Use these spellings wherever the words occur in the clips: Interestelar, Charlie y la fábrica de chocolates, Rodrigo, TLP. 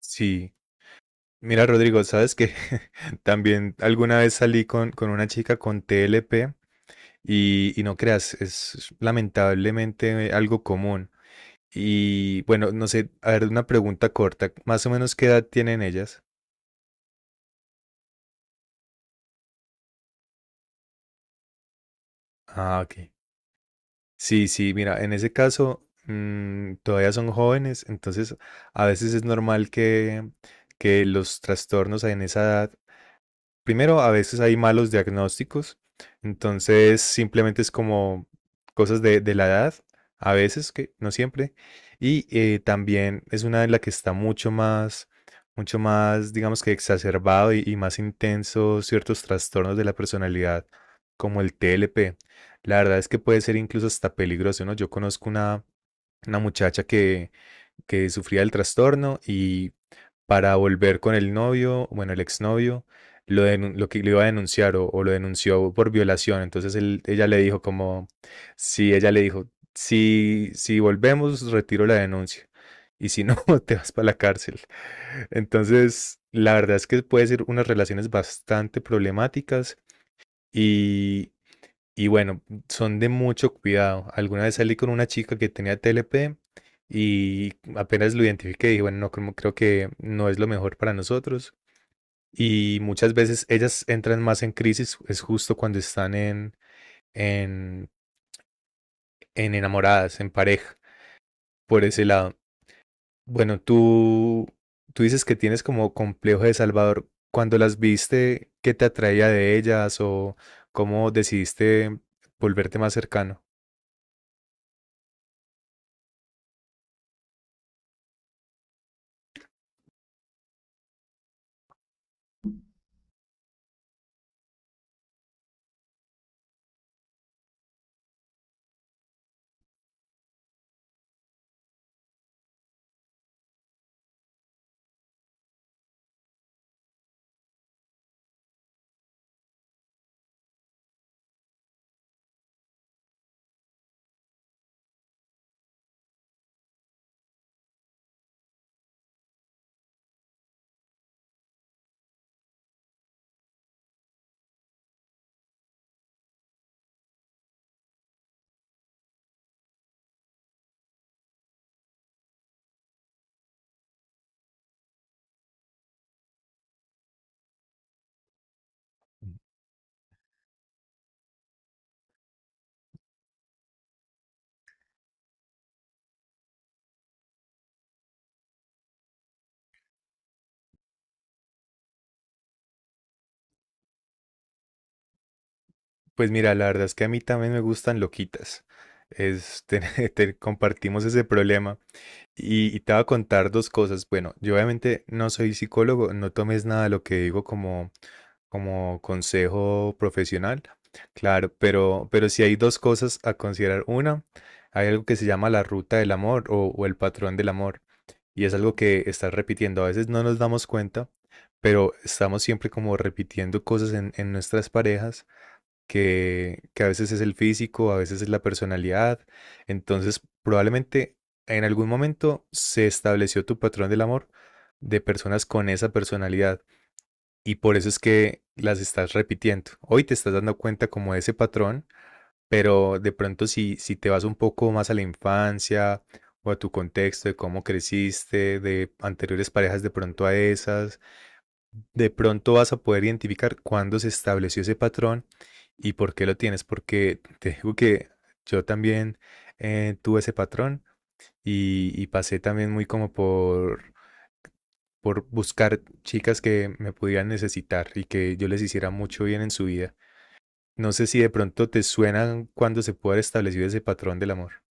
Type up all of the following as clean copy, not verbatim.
Sí, mira Rodrigo, sabes que también alguna vez salí con una chica con TLP y, no creas, es lamentablemente algo común. Y bueno, no sé, a ver, una pregunta corta, más o menos qué edad tienen ellas. Ah, ok. Sí, sí, mira, en ese caso todavía son jóvenes, entonces a veces es normal que los trastornos en esa edad. Primero, a veces hay malos diagnósticos, entonces simplemente es como cosas de la edad, a veces, que no siempre, y también es una en la que está mucho más, digamos que exacerbado y, más intenso ciertos trastornos de la personalidad, como el TLP. La verdad es que puede ser incluso hasta peligroso, ¿no? Yo conozco una muchacha que sufría el trastorno y para volver con el novio, bueno, el exnovio, lo que le iba a denunciar o, lo denunció por violación. Ella le dijo como, si ella le dijo, si, si volvemos, retiro la denuncia. Y si no, te vas para la cárcel. Entonces, la verdad es que puede ser unas relaciones bastante problemáticas y, y bueno, son de mucho cuidado. Alguna vez salí con una chica que tenía TLP y apenas lo identifiqué, dije, bueno, no, creo que no es lo mejor para nosotros. Y muchas veces ellas entran más en crisis, es justo cuando están en, en enamoradas, en pareja, por ese lado. Bueno, tú dices que tienes como complejo de Salvador. Cuando las viste, ¿qué te atraía de ellas o cómo decidiste volverte más cercano? Pues mira, la verdad es que a mí también me gustan loquitas. Es, compartimos ese problema. Y, te voy a contar dos cosas. Bueno, yo obviamente no soy psicólogo, no tomes nada de lo que digo como consejo profesional. Claro, pero sí hay dos cosas a considerar. Una, hay algo que se llama la ruta del amor o, el patrón del amor. Y es algo que estás repitiendo. A veces no nos damos cuenta, pero estamos siempre como repitiendo cosas en nuestras parejas que a veces es el físico, a veces es la personalidad. Entonces, probablemente en algún momento se estableció tu patrón del amor de personas con esa personalidad y por eso es que las estás repitiendo. Hoy te estás dando cuenta como de ese patrón, pero de pronto si te vas un poco más a la infancia o a tu contexto de cómo creciste, de anteriores parejas de pronto a esas de pronto vas a poder identificar cuándo se estableció ese patrón y por qué lo tienes, porque te digo que yo también tuve ese patrón y, pasé también muy como por buscar chicas que me pudieran necesitar y que yo les hiciera mucho bien en su vida. No sé si de pronto te suena cuando se puede haber establecido ese patrón del amor.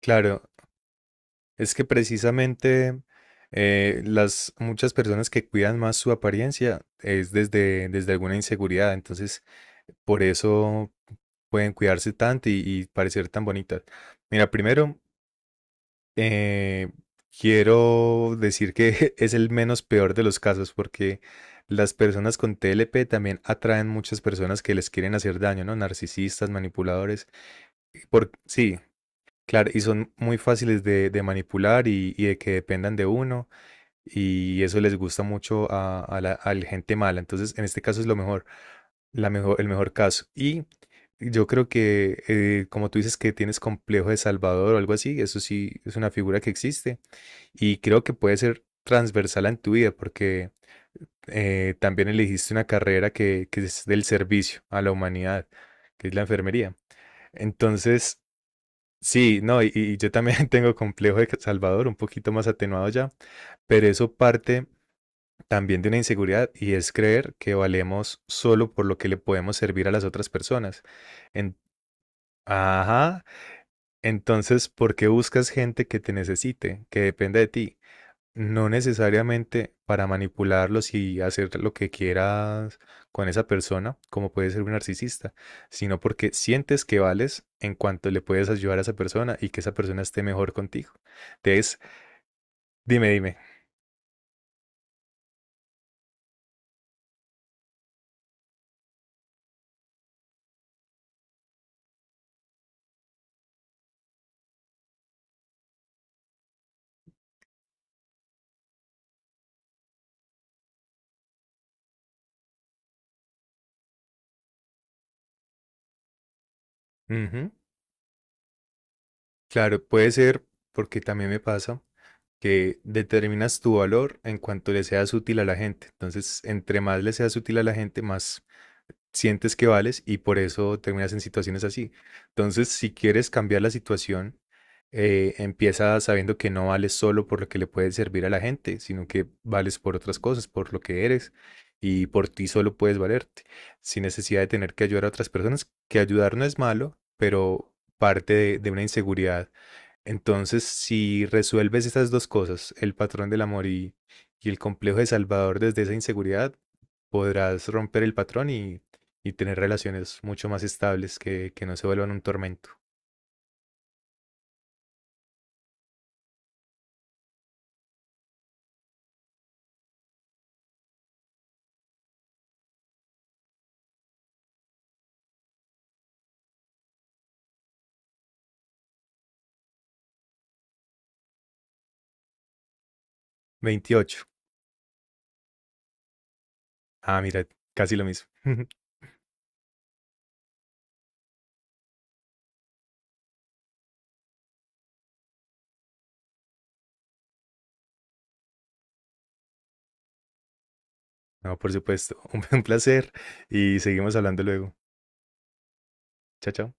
Claro, es que precisamente las muchas personas que cuidan más su apariencia es desde alguna inseguridad, entonces por eso pueden cuidarse tanto y, parecer tan bonitas. Mira, primero eh, quiero decir que es el menos peor de los casos porque las personas con TLP también atraen muchas personas que les quieren hacer daño, ¿no? Narcisistas, manipuladores. Por, sí, claro, y son muy fáciles de manipular y, de que dependan de uno, y eso les gusta mucho a, a la gente mala. Entonces, en este caso es lo mejor, la mejor, el mejor caso. Y yo creo que, como tú dices, que tienes complejo de Salvador o algo así, eso sí es una figura que existe, y creo que puede ser transversal en tu vida, porque también elegiste una carrera que es del servicio a la humanidad, que es la enfermería. Entonces, sí, no, y, yo también tengo complejo de Salvador, un poquito más atenuado ya, pero eso parte también de una inseguridad y es creer que valemos solo por lo que le podemos servir a las otras personas. En- ajá, entonces, ¿por qué buscas gente que te necesite, que dependa de ti? No necesariamente para manipularlos y hacer lo que quieras con esa persona, como puede ser un narcisista, sino porque sientes que vales en cuanto le puedes ayudar a esa persona y que esa persona esté mejor contigo. Entonces, dime, dime. Ujú. Claro, puede ser porque también me pasa que determinas tu valor en cuanto le seas útil a la gente. Entonces, entre más le seas útil a la gente, más sientes que vales y por eso terminas en situaciones así. Entonces, si quieres cambiar la situación, empieza sabiendo que no vales solo por lo que le puedes servir a la gente, sino que vales por otras cosas, por lo que eres y por ti solo puedes valerte, sin necesidad de tener que ayudar a otras personas, que ayudar no es malo, pero parte de una inseguridad entonces, si resuelves esas dos cosas, el patrón del amor y, el complejo de Salvador desde esa inseguridad, podrás romper el patrón y, tener relaciones mucho más estables que no se vuelvan un tormento. 28. Ah, mira, casi lo mismo. No, por supuesto. Un placer y seguimos hablando luego. Chao, chao.